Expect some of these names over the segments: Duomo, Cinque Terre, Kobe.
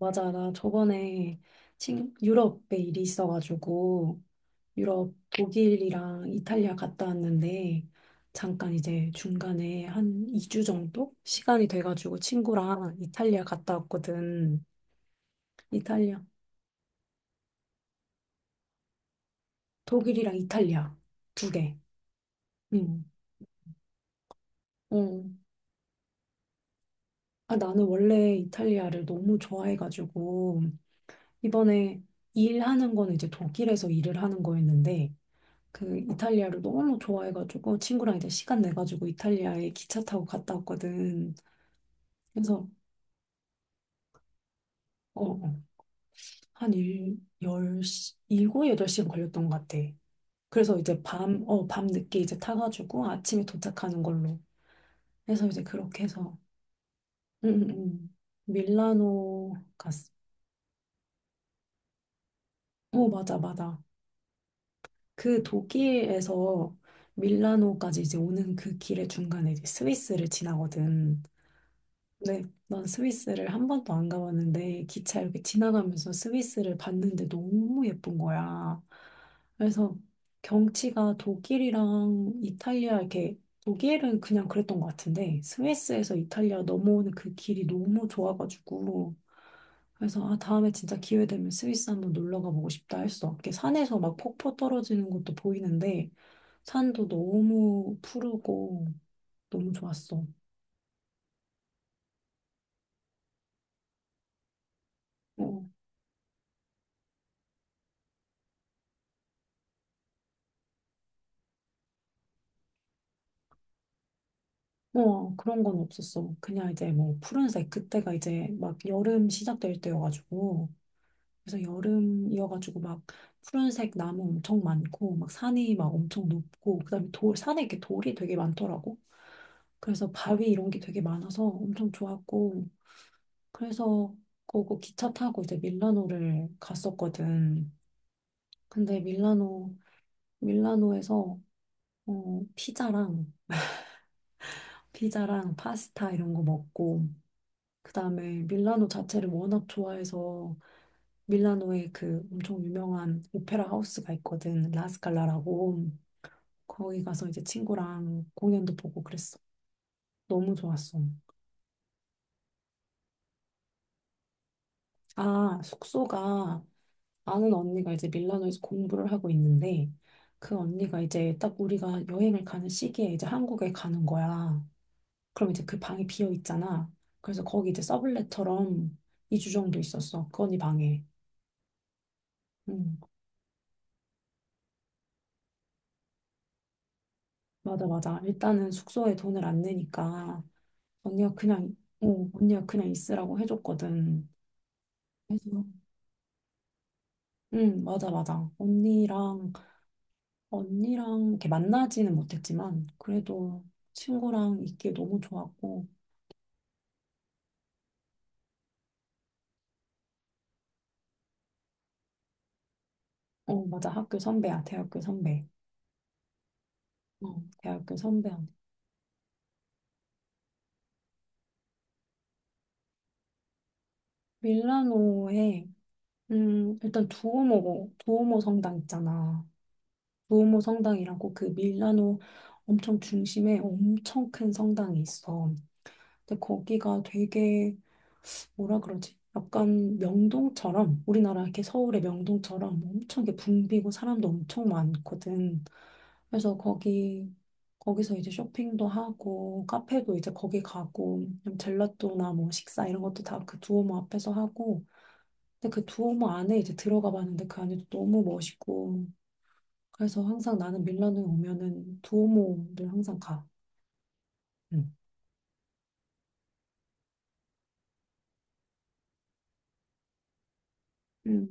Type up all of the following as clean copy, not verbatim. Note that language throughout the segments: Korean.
맞아. 나 저번에 유럽에 일이 있어가지고 유럽 독일이랑 이탈리아 갔다 왔는데 잠깐 이제 중간에 한 2주 정도 시간이 돼가지고 친구랑 이탈리아 갔다 왔거든. 이탈리아, 독일이랑 이탈리아 두 개. 응. 어. 아, 나는 원래 이탈리아를 너무 좋아해가지고 이번에 일하는 거는 이제 독일에서 일을 하는 거였는데 그 이탈리아를 너무 좋아해가지고 친구랑 이제 시간 내가지고 이탈리아에 기차 타고 갔다 왔거든. 그래서 어, 어, 한 열 일곱, 여덟 시간 걸렸던 것 같아. 그래서 이제 밤 늦게 이제 타가지고 아침에 도착하는 걸로 해서 이제 그렇게 해서 응, 응, 응. 밀라노 갔어. 어, 맞아, 맞아. 그 독일에서 밀라노까지 이제 오는 그 길의 중간에 이제 스위스를 지나거든. 네, 난 스위스를 한 번도 안 가봤는데 기차 이렇게 지나가면서 스위스를 봤는데 너무 예쁜 거야. 그래서 경치가 독일이랑 이탈리아 이렇게 독일은 그냥 그랬던 것 같은데 스위스에서 이탈리아 넘어오는 그 길이 너무 좋아가지고 그래서 아 다음에 진짜 기회 되면 스위스 한번 놀러 가보고 싶다 했어. 이렇게 산에서 막 폭포 떨어지는 것도 보이는데 산도 너무 푸르고 너무 좋았어. 어. 뭐 그런 건 없었어. 그냥 이제 뭐 푸른색 그때가 이제 막 여름 시작될 때여가지고 그래서 여름이어가지고 막 푸른색 나무 엄청 많고 막 산이 막 엄청 높고 그다음에 돌 산에 이렇게 돌이 되게 많더라고. 그래서 바위 이런 게 되게 많아서 엄청 좋았고 그래서 거기 기차 타고 이제 밀라노를 갔었거든. 근데 밀라노에서 어 피자랑 피자랑 파스타 이런 거 먹고 그다음에 밀라노 자체를 워낙 좋아해서 밀라노에 그 엄청 유명한 오페라 하우스가 있거든. 라스칼라라고. 거기 가서 이제 친구랑 공연도 보고 그랬어. 너무 좋았어. 아, 숙소가 아는 언니가 이제 밀라노에서 공부를 하고 있는데 그 언니가 이제 딱 우리가 여행을 가는 시기에 이제 한국에 가는 거야. 그럼 이제 그 방이 비어 있잖아. 그래서 거기 이제 서블렛처럼 2주 정도 있었어. 그 언니 방에. 음. 맞아, 맞아. 일단은 숙소에 돈을 안 내니까 언니가 그냥, 언니가 그냥 있으라고 해줬거든. 그래서, 응, 맞아, 맞아. 언니랑 이렇게 만나지는 못했지만, 그래도 친구랑 있기에 너무 좋았고, 어, 맞아. 학교 선배야, 대학교 선배. 어, 대학교 선배야. 밀라노에, 일단 두오모 성당 있잖아. 두오모 성당이라고 그 밀라노 엄청 중심에 엄청 큰 성당이 있어. 근데 거기가 되게 뭐라 그러지? 약간 명동처럼 우리나라 이렇게 서울의 명동처럼 엄청 이렇게 붐비고 사람도 엄청 많거든. 그래서 거기서 이제 쇼핑도 하고 카페도 이제 거기 가고 그냥 젤라또나 뭐 식사 이런 것도 다 그 두오모 앞에서 하고 근데 그 두오모 안에 이제 들어가 봤는데 그 안에도 너무 멋있고 그래서 항상 나는 밀라노에 오면은 두오모를 항상 가. 응.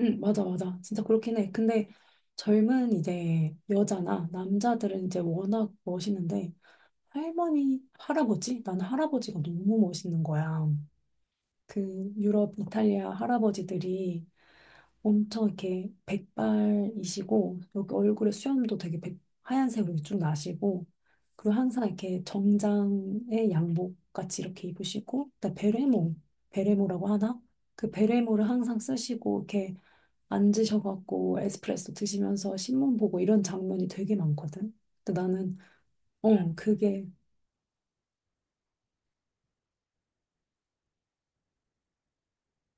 응, 맞아, 맞아. 진짜 그렇긴 해. 근데 젊은 이제 여자나 남자들은 이제 워낙 멋있는데 할머니, 할아버지? 나는 할아버지가 너무 멋있는 거야. 그 유럽, 이탈리아 할아버지들이 엄청 이렇게 백발이시고 여기 얼굴에 수염도 되게 하얀색으로 쭉 나시고 그리고 항상 이렇게 정장에 양복 같이 이렇게 입으시고 그다음 베레모, 베레모라고 하나? 그 베레모를 항상 쓰시고 이렇게 앉으셔갖고 에스프레소 드시면서 신문 보고 이런 장면이 되게 많거든. 근데 나는 어 그게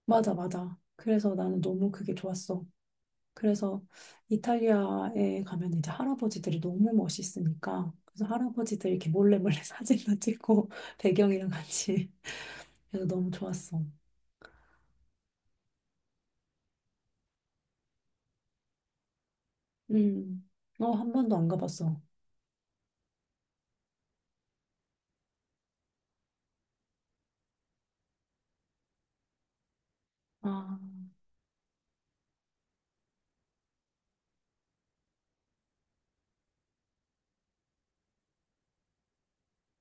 맞아 맞아. 그래서 나는 너무 그게 좋았어. 그래서 이탈리아에 가면 이제 할아버지들이 너무 멋있으니까 그래서 할아버지들 이렇게 몰래 몰래 사진도 찍고 배경이랑 같이 그래서 너무 좋았어. 음. 어, 한 번도 안 가봤어. 아,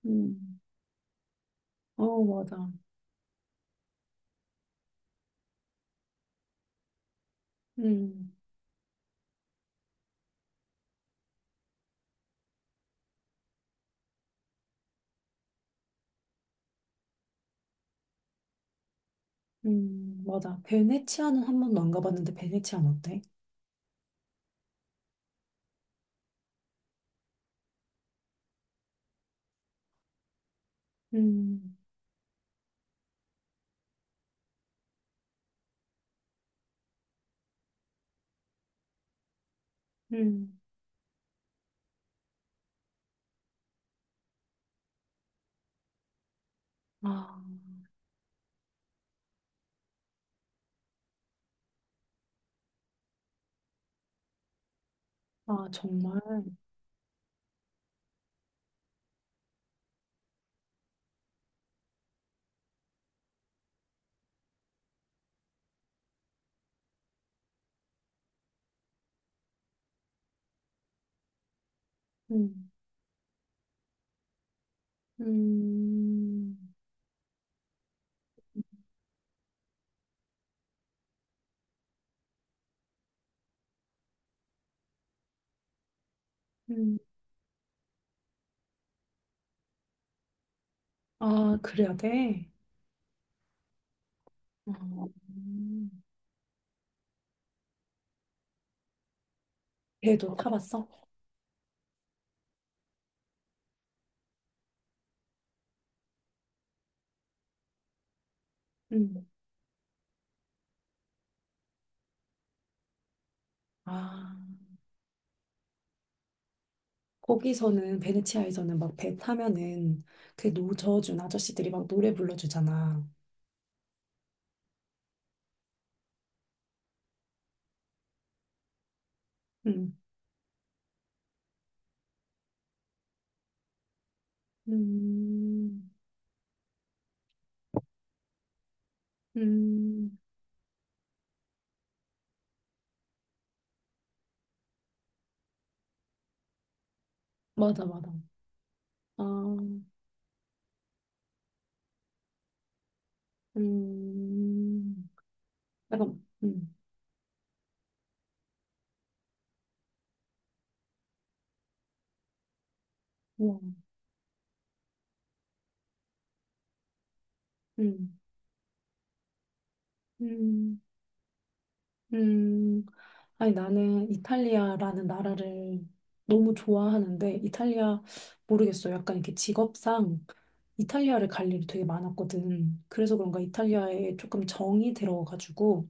음. 어, 맞아. 음. 맞아. 베네치아는 한 번도 안 가봤는데 베네치아는 어때? 음, 음, 아, 아, 정말. 음, 음, 음, 아, 그래야 돼. 어, 음. 배도 타봤어? 음, 아, 거기서는, 베네치아에서는 막 배 타면은 그 노저준 아저씨들이 막 노래 불러주잖아. 음, 음, 음, 맞아, 맞아. 아, 음, 약간, 우와, 음, 음, 음. 아니, 나는 이탈리아라는 나라를 너무 좋아하는데, 이탈리아, 모르겠어. 약간 이렇게 직업상 이탈리아를 갈 일이 되게 많았거든. 그래서 그런가 이탈리아에 조금 정이 들어가지고,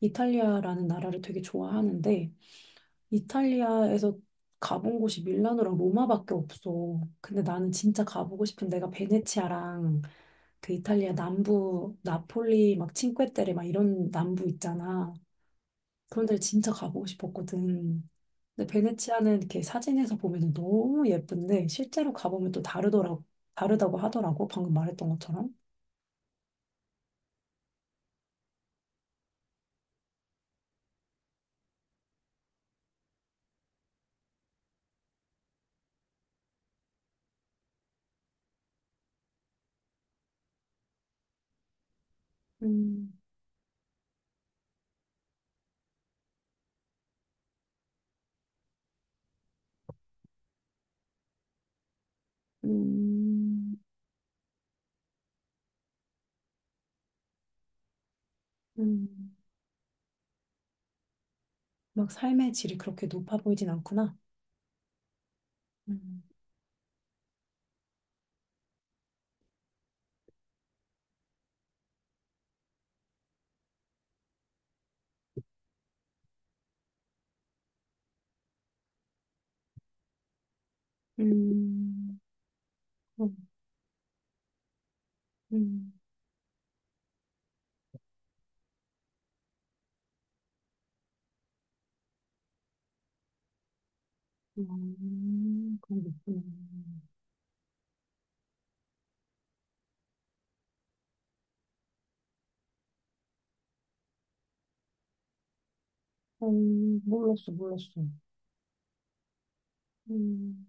이탈리아라는 나라를 되게 좋아하는데, 이탈리아에서 가본 곳이 밀라노랑 로마밖에 없어. 근데 나는 진짜 가보고 싶은 데가 베네치아랑 그 이탈리아 남부 나폴리 막 칭que 테레 막 이런 남부 있잖아. 그런 데를 진짜 가보고 싶었거든. 근데 베네치아는 이렇게 사진에서 보면 너무 예쁜데 실제로 가보면 또 다르더라고, 다르다고 하더라고. 방금 말했던 것처럼. 음, 음, 음, 막 삶의 질이 그렇게 높아 보이진 않구나. 음, 음, 음, 음, 그런 게 있구나. 어, 몰랐어, 몰랐어. 음,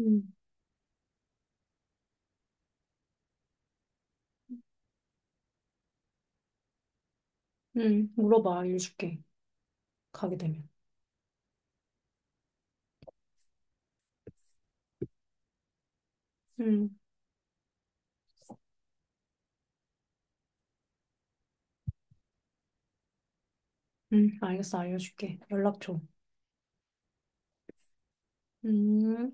음, 물어봐, 알려줄게. 가게 되면. 음, 알겠어, 알려줄게. 연락 줘. 음.